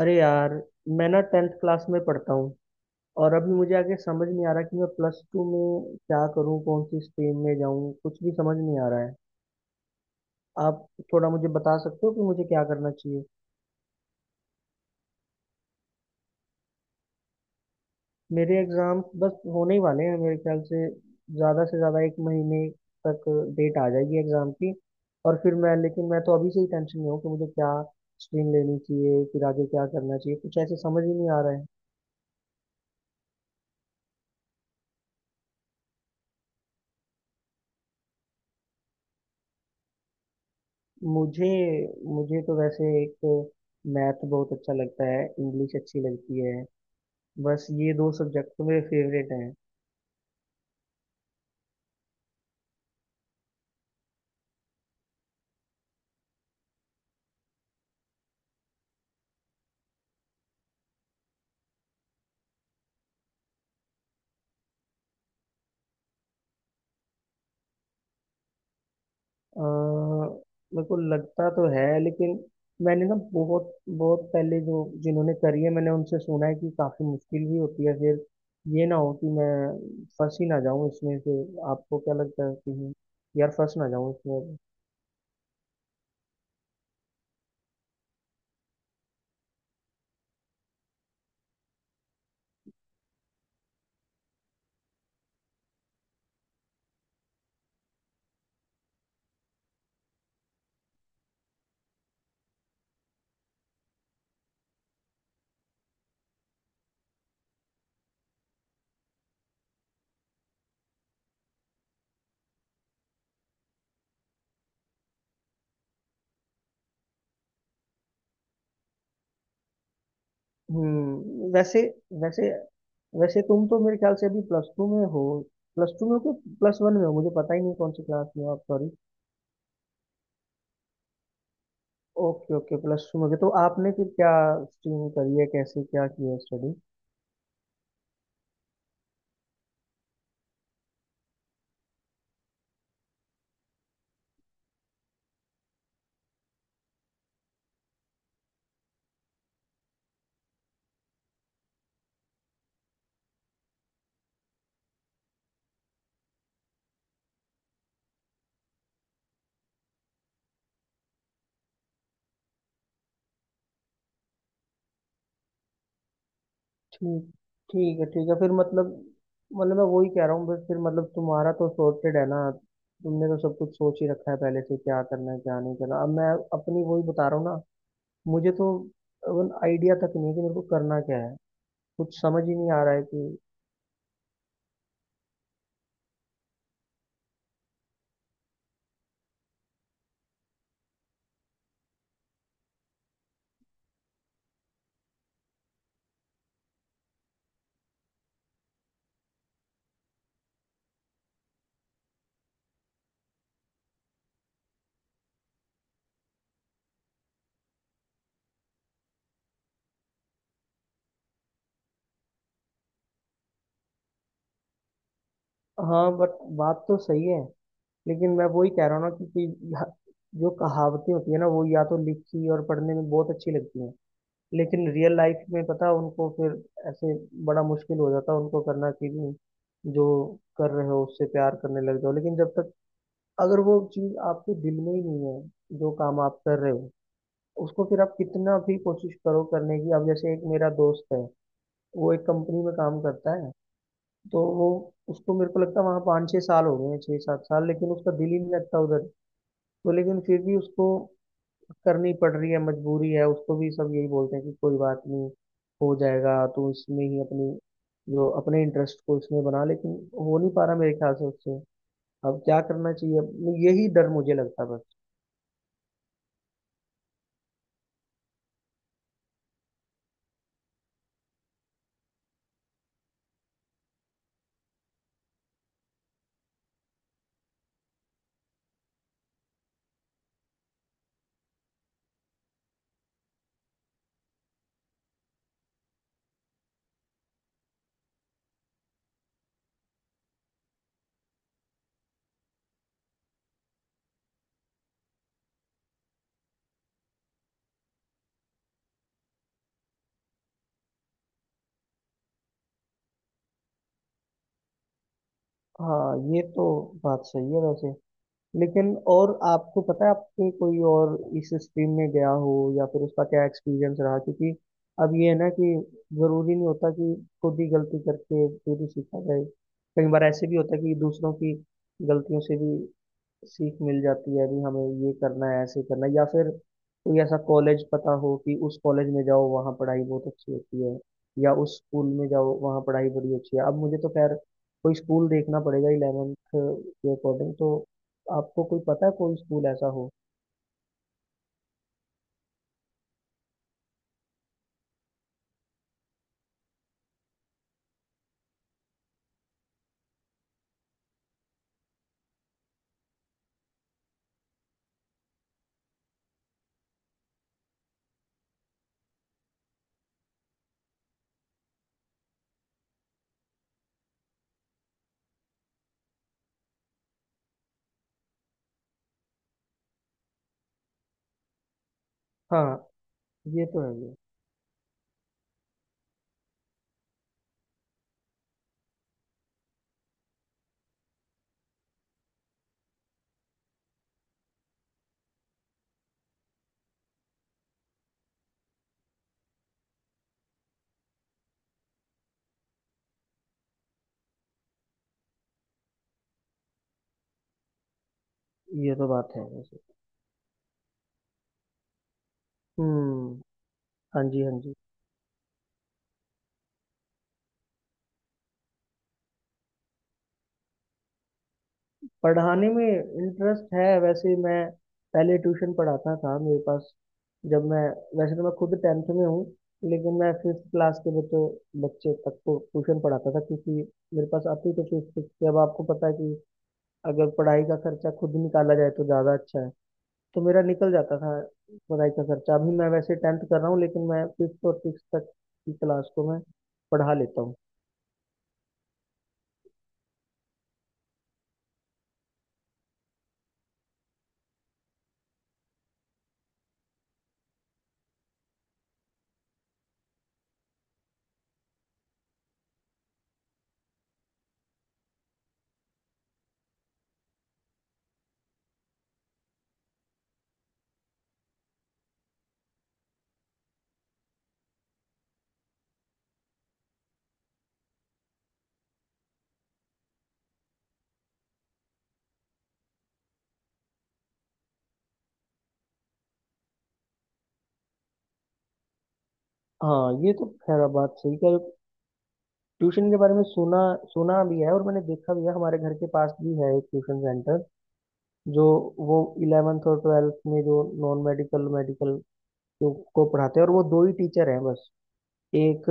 अरे यार! मैं ना टेंथ क्लास में पढ़ता हूँ। और अभी मुझे आगे समझ नहीं आ रहा कि मैं प्लस टू में क्या करूँ, कौन सी स्ट्रीम में जाऊँ। कुछ भी समझ नहीं आ रहा है। आप थोड़ा मुझे बता सकते हो कि मुझे क्या करना चाहिए? मेरे एग्जाम्स बस होने ही वाले हैं। मेरे ख्याल से ज़्यादा 1 महीने तक डेट आ जाएगी एग्ज़ाम की। और फिर मैं लेकिन मैं तो अभी से ही टेंशन में हूँ कि मुझे क्या स्ट्रीम लेनी चाहिए, फिर आगे क्या करना चाहिए। कुछ ऐसे समझ ही नहीं आ रहा है। मुझे मुझे तो वैसे एक मैथ बहुत अच्छा लगता है, इंग्लिश अच्छी लगती है। बस ये दो सब्जेक्ट तो मेरे फेवरेट हैं। अ, मेरे को लगता तो है, लेकिन मैंने ना बहुत बहुत पहले जो जिन्होंने करी है मैंने उनसे सुना है कि काफ़ी मुश्किल भी होती है। फिर ये ना हो कि मैं फंस ही ना जाऊँ इसमें। फिर आपको क्या लगता है कि यार, फंस ना जाऊँ इसमें? वैसे वैसे वैसे तुम तो मेरे ख्याल से अभी प्लस टू में हो। प्लस टू में हो कि प्लस वन में हो, मुझे पता ही नहीं कौन सी क्लास में हो आप। Sorry. Okay, okay. Plus two में हो गए। तो आपने फिर क्या स्ट्रीम करी है, कैसे क्या किया स्टडी? ठीक ठीक है, ठीक है। फिर मतलब, मैं वही कह रहा हूँ। बस फिर मतलब तुम्हारा तो सॉर्टेड है ना। तुमने तो सब कुछ सोच ही रखा है पहले से, क्या करना है क्या नहीं करना। अब मैं अपनी वही बता रहा हूँ ना। मुझे तो आइडिया तक नहीं है कि मेरे को करना क्या है। कुछ समझ ही नहीं आ रहा है कि। हाँ, बट बात तो सही है। लेकिन मैं वही कह रहा हूँ ना कि यह- जो कहावतें होती है ना, वो या तो लिखी और पढ़ने में बहुत अच्छी लगती हैं। लेकिन रियल लाइफ में पता उनको फिर ऐसे बड़ा मुश्किल हो जाता है उनको करना, कि जो कर रहे हो उससे प्यार करने लग जाओ। लेकिन जब तक, अगर वो चीज़ आपके दिल में ही नहीं है जो काम आप कर रहे हो उसको, फिर आप कितना भी कोशिश करो करने की। अब जैसे एक मेरा दोस्त है, वो एक कंपनी में काम करता है। तो वो, उसको मेरे को लगता है वहाँ 5-6 साल हो गए हैं, 6-7 साल, लेकिन उसका दिल ही नहीं लगता उधर। तो लेकिन फिर भी उसको करनी पड़ रही है, मजबूरी है। उसको भी सब यही बोलते हैं कि कोई बात नहीं, हो जाएगा, तो इसमें ही अपनी जो अपने इंटरेस्ट को इसमें बना। लेकिन हो नहीं पा रहा मेरे ख्याल से उससे। अब क्या करना चाहिए? अब यही डर मुझे लगता है बस। हाँ, ये तो बात सही है वैसे। लेकिन और आपको पता है आपके कोई और इस स्ट्रीम में गया हो, या फिर उसका क्या एक्सपीरियंस रहा? क्योंकि अब ये है ना कि जरूरी नहीं होता कि खुद ही गलती करके फिर ही सीखा जाए। कई बार ऐसे भी होता है कि दूसरों की गलतियों से भी सीख मिल जाती है। अभी हमें ये करना है, ऐसे करना है, या फिर कोई ऐसा कॉलेज पता हो कि उस कॉलेज में जाओ वहाँ पढ़ाई बहुत अच्छी होती है, या उस स्कूल में जाओ वहाँ पढ़ाई बड़ी अच्छी है। अब मुझे तो खैर कोई स्कूल देखना पड़ेगा इलेवेंथ के अकॉर्डिंग, तो आपको कोई पता है कोई स्कूल ऐसा हो? हाँ, ये तो है ये। ये तो बात है वैसे। हम्म, हाँ जी, हाँ जी। पढ़ाने में इंटरेस्ट है। वैसे मैं पहले ट्यूशन पढ़ाता था, मेरे पास जब मैं वैसे तो मैं खुद टेंथ में हूँ, लेकिन मैं फिफ्थ क्लास के बच्चों बच्चे तक को ट्यूशन पढ़ाता था, क्योंकि मेरे पास आती तो फिफ्थ थी। अब आपको पता है कि अगर पढ़ाई का खर्चा खुद निकाला जाए तो ज़्यादा अच्छा है। तो मेरा निकल जाता था पढ़ाई का खर्चा। अभी मैं वैसे टेंथ कर रहा हूँ, लेकिन मैं फिफ्थ और सिक्स तक की क्लास को मैं पढ़ा लेता हूँ। हाँ, ये तो खैर, आप बात सही कह ट्यूशन के बारे में सुना सुना भी है और मैंने देखा भी है। हमारे घर के पास भी है एक ट्यूशन सेंटर, जो वो इलेवेंथ और ट्वेल्थ में जो नॉन मेडिकल, मेडिकल को पढ़ाते हैं, और वो दो ही टीचर हैं बस। एक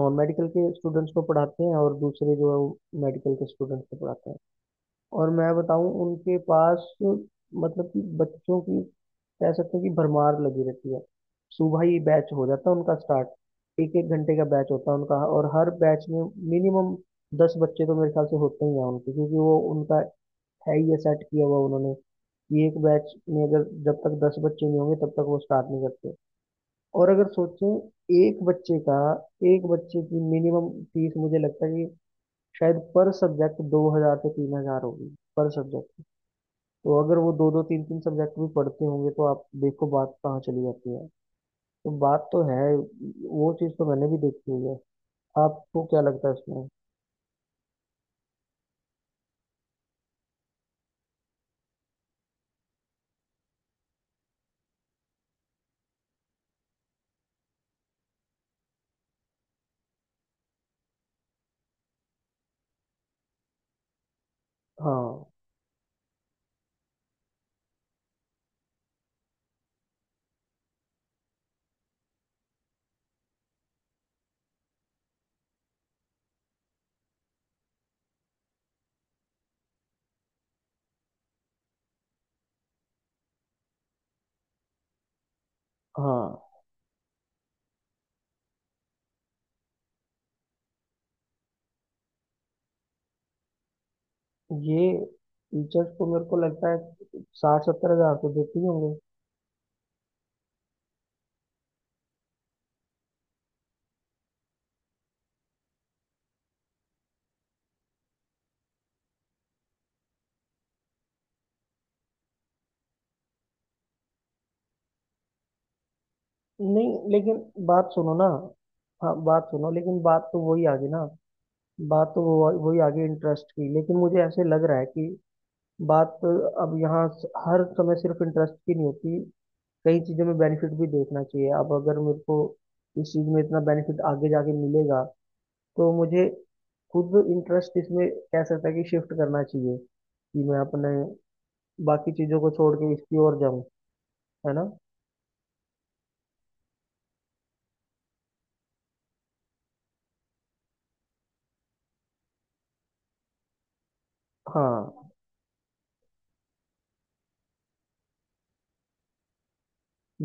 नॉन मेडिकल के स्टूडेंट्स को पढ़ाते हैं और दूसरे जो है मेडिकल के स्टूडेंट्स को पढ़ाते हैं। और मैं बताऊं, उनके पास मतलब कि बच्चों की, कह सकते हैं कि भरमार लगी रहती है। सुबह ही बैच हो जाता है उनका स्टार्ट। एक एक घंटे का बैच होता है उनका, और हर बैच में मिनिमम 10 बच्चे तो मेरे ख्याल से होते ही हैं उनके, क्योंकि वो उनका है ही ये सेट किया हुआ उन्होंने कि एक बैच में अगर जब तक दस बच्चे नहीं होंगे तब तक वो स्टार्ट नहीं करते। और अगर सोचें एक बच्चे की मिनिमम फीस मुझे लगता है कि शायद पर सब्जेक्ट 2,000 से 3,000 होगी पर सब्जेक्ट। तो अगर वो दो दो तीन तीन सब्जेक्ट भी पढ़ते होंगे तो आप देखो बात कहाँ चली जाती है। तो बात तो है, वो चीज़ तो मैंने भी देखी हुई है। आपको क्या लगता है इसमें? हाँ, हाँ। ये टीचर्स को मेरे को लगता है 60-70 हजार तो देते ही होंगे। नहीं, लेकिन बात सुनो ना। हाँ, बात सुनो, लेकिन बात तो वही आ गई ना। बात तो वो वही आ गई इंटरेस्ट की, लेकिन मुझे ऐसे लग रहा है कि बात अब यहाँ हर समय सिर्फ इंटरेस्ट की नहीं होती। कई चीजों में बेनिफिट भी देखना चाहिए। अब अगर मेरे को इस चीज में इतना बेनिफिट आगे जाके मिलेगा, तो मुझे खुद इंटरेस्ट इसमें कह सकता है कि शिफ्ट करना चाहिए, कि मैं अपने बाकी चीजों को छोड़ के इसकी ओर जाऊं, है ना? हाँ,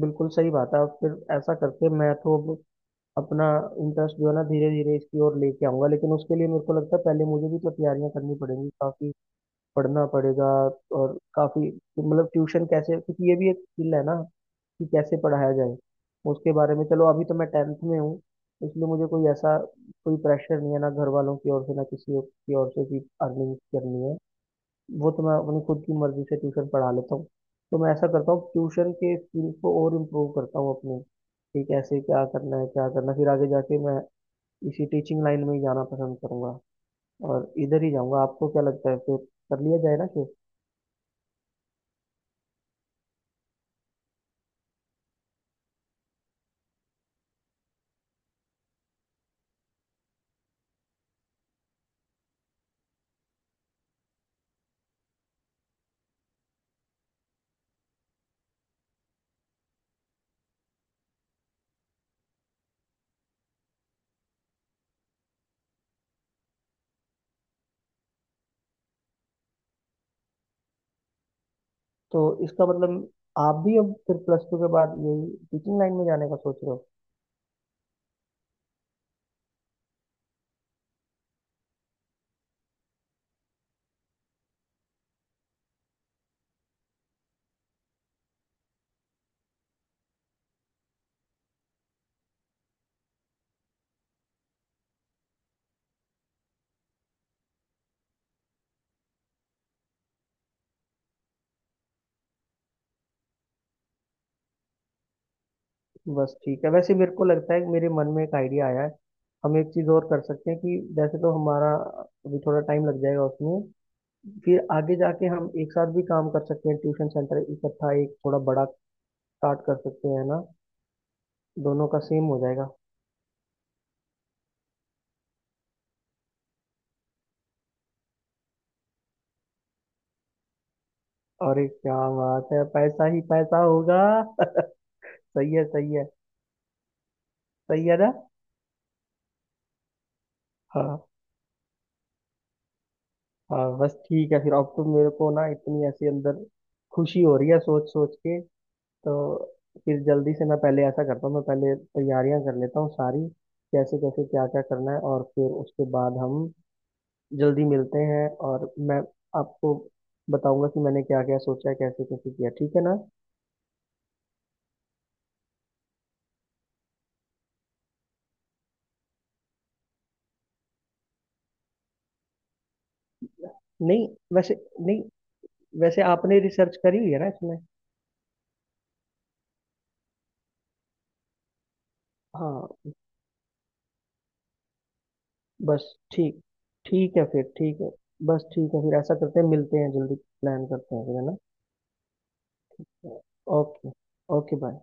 बिल्कुल सही बात है। अब फिर ऐसा करके मैं तो अब अपना इंटरेस्ट जो है ना धीरे धीरे इसकी ओर लेके आऊंगा, लेकिन उसके लिए मेरे को लगता है पहले मुझे भी तो तैयारियां करनी पड़ेंगी, काफी पढ़ना पड़ेगा और काफी। मतलब ट्यूशन कैसे, क्योंकि ये भी एक स्किल है ना कि कैसे पढ़ाया जाए उसके बारे में। चलो अभी तो मैं टेंथ में हूँ, इसलिए मुझे कोई प्रेशर नहीं है, ना घर वालों की ओर से ना किसी और की ओर से कि अर्निंग करनी है। वो तो मैं अपनी खुद की मर्जी से ट्यूशन पढ़ा लेता हूँ। तो मैं ऐसा करता हूँ, ट्यूशन के स्किल्स को और इम्प्रूव करता हूँ अपने, कि कैसे क्या करना है क्या करना है। फिर आगे जाके मैं इसी टीचिंग लाइन में ही जाना पसंद करूंगा और इधर ही जाऊंगा। आपको क्या लगता है फिर, कर लिया जाए ना फिर? तो इसका मतलब आप भी अब फिर प्लस टू के बाद यही टीचिंग लाइन में जाने का सोच रहे हो? बस ठीक है। वैसे मेरे को लगता है कि मेरे मन में एक आइडिया आया है। हम एक चीज़ और कर सकते हैं कि वैसे तो हमारा अभी थोड़ा टाइम लग जाएगा उसमें, फिर आगे जाके हम एक साथ भी काम कर सकते हैं। ट्यूशन सेंटर इकट्ठा, एक थोड़ा बड़ा स्टार्ट कर सकते हैं ना। दोनों का सेम हो जाएगा। अरे क्या बात है, पैसा ही पैसा होगा। सही है, सही है। सही है ना? हाँ, हाँ। बस ठीक है फिर। अब तो मेरे को ना इतनी ऐसी अंदर खुशी हो रही है सोच सोच के। तो फिर जल्दी से मैं पहले ऐसा करता हूँ, मैं पहले तैयारियां कर लेता हूँ सारी, कैसे कैसे क्या क्या करना है, और फिर उसके बाद हम जल्दी मिलते हैं, और मैं आपको बताऊंगा कि मैंने क्या क्या सोचा है, कैसे कैसे किया, ठीक है ना? नहीं वैसे नहीं, वैसे आपने रिसर्च करी हुई है ना इसमें? हाँ, बस ठीक ठीक है फिर। ठीक है, बस ठीक है फिर ऐसा करते हैं, मिलते हैं जल्दी, प्लान करते हैं फिर, है ना? ओके। Okay bye.